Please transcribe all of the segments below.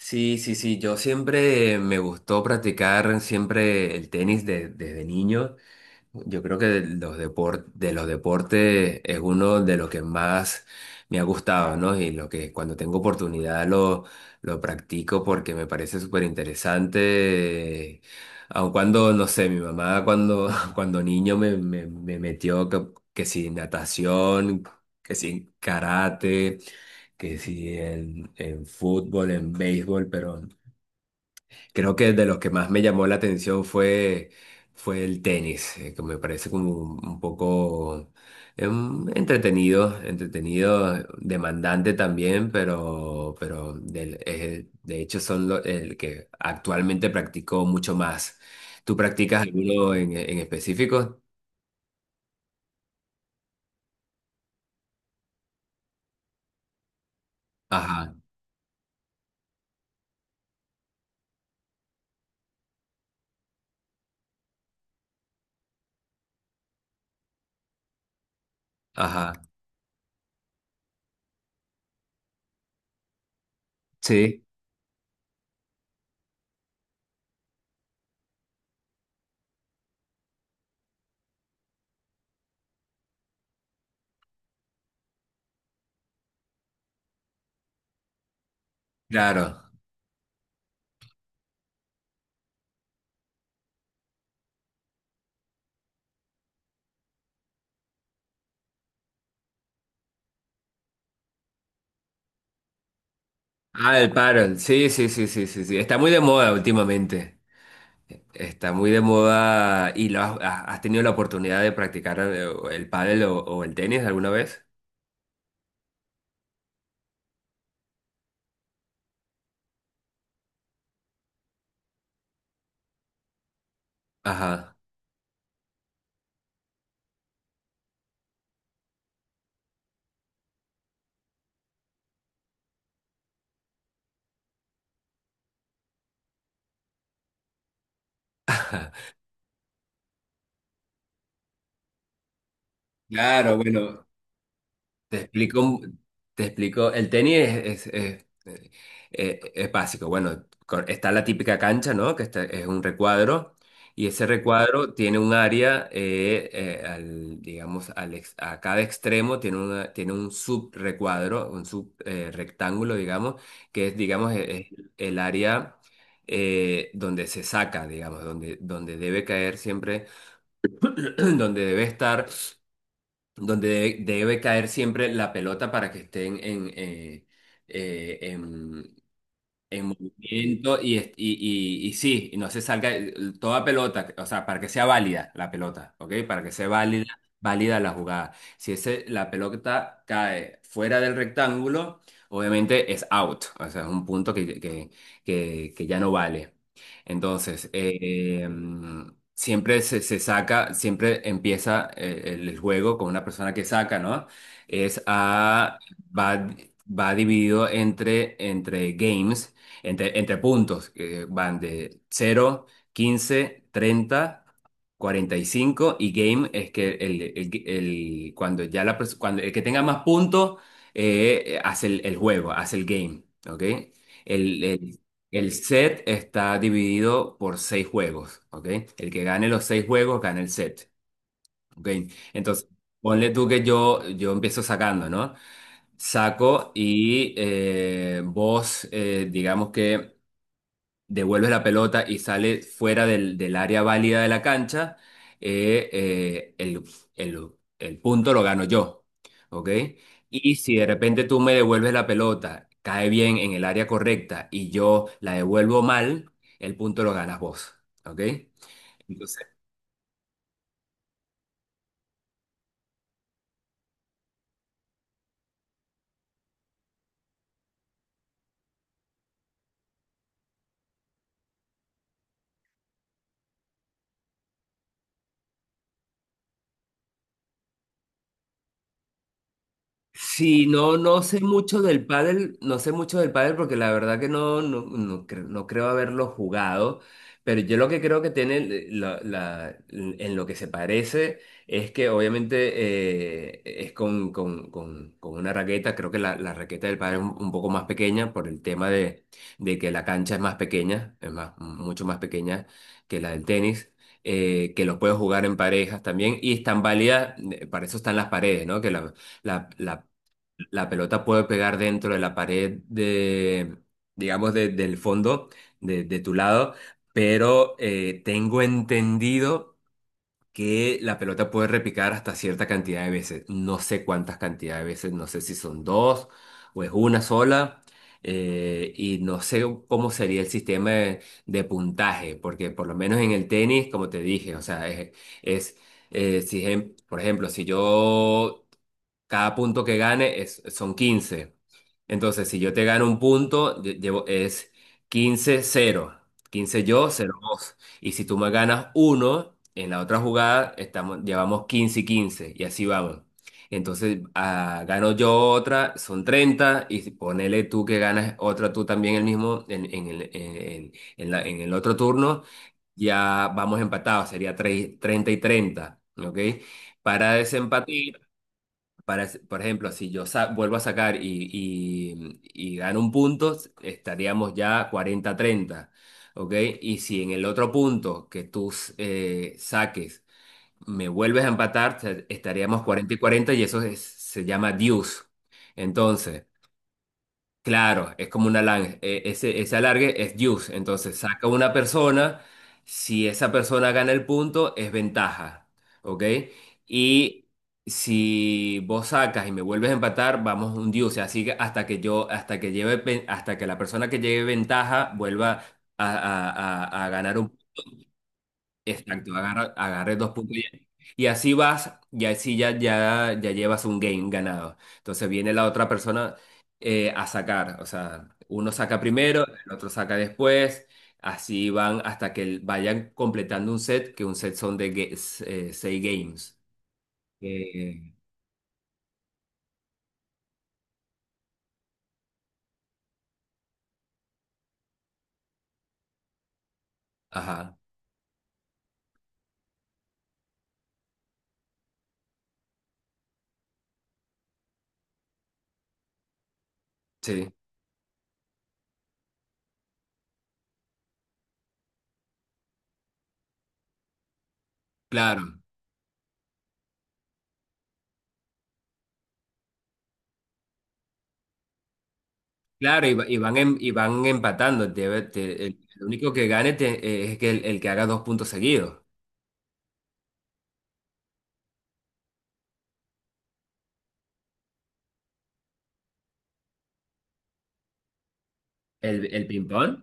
Sí, sí, sí, yo siempre me gustó practicar siempre el tenis desde niño. Yo creo que de los deportes es uno de los que más me ha gustado, ¿no? Y lo que cuando tengo oportunidad lo practico porque me parece súper interesante. Aun cuando, no sé, mi mamá cuando, cuando niño me metió que si natación, que si karate, que si en, en fútbol, en béisbol, pero creo que de los que más me llamó fue el tenis, que me parece como un poco entretenido, demandante también, pero de hecho el que actualmente practico mucho más. ¿Tú practicas alguno en específico? Ajá, ajá, sí, claro. Ah, el pádel, sí, sí, sí, sí, sí, sí, está muy de moda últimamente. Está muy de moda y has tenido la oportunidad de practicar el pádel o el tenis alguna vez. Ajá. Claro, bueno, Te explico, un- te explico. El tenis es básico. Bueno, está la típica cancha, ¿no? Es un recuadro. Y ese recuadro tiene un área, digamos, a cada extremo tiene un subrecuadro, un subrectángulo, digamos, que es, digamos, es el área donde se saca, digamos, donde debe caer siempre, donde debe estar, debe caer siempre la pelota para que estén en en, movimiento y sí, y no se salga toda pelota, o sea, para que sea válida la pelota, ¿ok? Para que sea válida, válida la jugada. Si la pelota cae fuera del rectángulo, obviamente es out, o sea, es un punto que ya no vale. Entonces, siempre se saca, siempre empieza el juego con una persona que saca, ¿no? Es a... Va, va dividido entre games, entre puntos que van de 0, 15, 30, 45 y cinco, y game es que el- cuando ya cuando el que tenga más puntos, hace el juego, hace el game, ¿ok? El, el- el set está dividido por seis juegos, ¿ok? El que gane los seis juegos gana el set, ¿ok? Entonces, ponle tú que yo empiezo sacando, ¿no? Saco y, vos, digamos que devuelves la pelota y sale fuera del área válida de la cancha, eh, eh, el, el- el punto lo gano yo, ¿ok? Y si de repente tú me devuelves la pelota, cae bien en el área correcta y yo la devuelvo mal, el punto lo ganas vos, ¿ok? Entonces, sí, no, no sé mucho del pádel, no sé mucho del pádel porque la verdad que no creo haberlo jugado, pero yo lo que creo que tiene en lo que se parece es que obviamente, es con una raqueta, creo que la raqueta del pádel es un poco más pequeña por el tema de que la cancha es más pequeña, mucho más pequeña que la del tenis, que los puedes jugar en parejas también y están válidas, para eso están las paredes, ¿no? Que la la pelota puede pegar dentro de la pared de, digamos, del fondo, de tu lado, pero tengo entendido que la pelota puede repicar hasta cierta cantidad de veces. No sé cuántas cantidades de veces, no sé si son dos o es una sola. Y no sé cómo sería el sistema de puntaje, porque por lo menos en el tenis, como te dije, o sea, es, si, ejem- por ejemplo, si yo cada punto que gane es, son quince. Entonces, si yo te gano un punto, llevo, es quince cero, quince yo, cero vos. Y si tú me ganas uno, en la otra jugada estamos, llevamos 15 y quince. Y así vamos. Entonces, ah, gano yo otra, son treinta. Ponele tú que ganas otra tú también, el mismo, en el, en la- en el otro turno. Ya vamos empatados, sería 3 30 y treinta. ¿Ok? Para desempatar. Para, por ejemplo, si yo vuelvo a sacar y gano un punto, estaríamos ya 40 treinta, ¿ok? Y si en el otro punto que tú, saques, me vuelves a empatar, estaríamos 40 y cuarenta, y eso se llama deuce. Entonces, claro, es como una alargue. Ese alargue es deuce. Entonces saca una persona. Si esa persona gana el punto, es ventaja. ¿Ok? Y si vos sacas y me vuelves a empatar, vamos un deuce. Así que hasta que yo, hasta que lleve, hasta que la persona que lleve ventaja vuelva a, a- a ganar un... Exacto, agarré dos puntos, y así vas, y así ya llevas un game ganado. Entonces viene la otra persona, a sacar, o sea, uno saca primero, el otro saca después, así van hasta que vayan completando un set, que un set son de seis games. Eh, ajá, sí, claro, claro, y van, y van empatando. El único que gane, es que el que haga dos puntos seguidos. El ping-pong?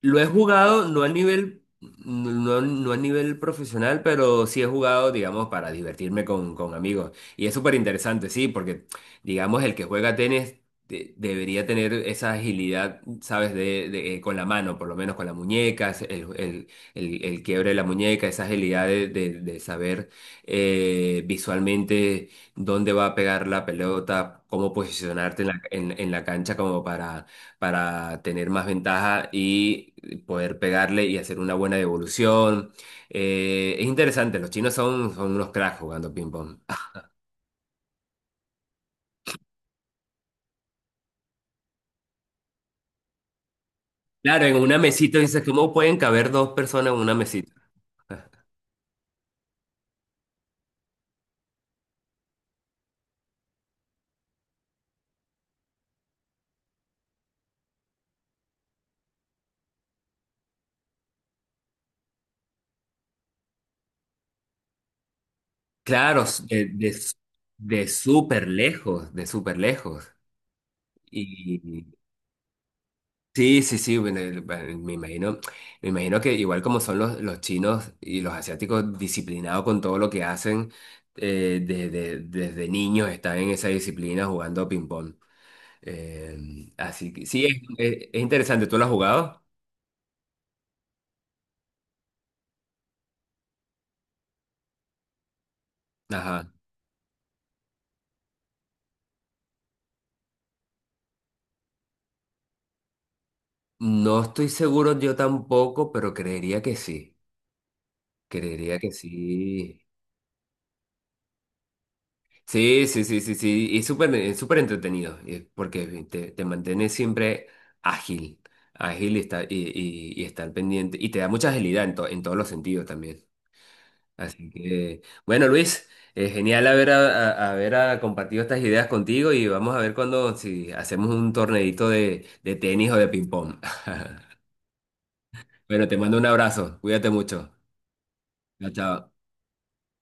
Lo he jugado, no a nivel, no, no a nivel profesional, pero sí he jugado, digamos, para divertirme con amigos. Y es súper interesante, sí, porque, digamos, el que juega tenis debería tener esa agilidad, ¿sabes? Con la mano, por lo menos con la muñeca, el quiebre de la muñeca, esa agilidad de saber, visualmente, dónde va a pegar la pelota, cómo posicionarte en en la cancha como para tener más ventaja y poder pegarle y hacer una buena devolución. Es interesante, los chinos son unos cracks jugando ping-pong. Ah, claro, en una mesita dices, ¿cómo pueden caber dos personas en una mesita? Claro, de súper lejos, de súper lejos. y sí, bueno, me imagino que igual como son los chinos y los asiáticos, disciplinados con todo lo que hacen, desde niños están en esa disciplina jugando ping-pong. Así que sí, es interesante, ¿tú lo has jugado? Ajá. No estoy seguro yo tampoco, pero creería que sí, creería que sí. Sí, sí, sí, sí, sí, y súper, súper entretenido, porque te mantienes siempre ágil, ágil, y estar pendiente, y te da mucha agilidad en todos los sentidos también. Así que, bueno, Luis, genial haber, haber, ah, compartido estas ideas contigo y vamos a ver cuando, si hacemos un torneito de tenis o de ping-pong. Bueno, te mando un abrazo, cuídate mucho. Chao, chao.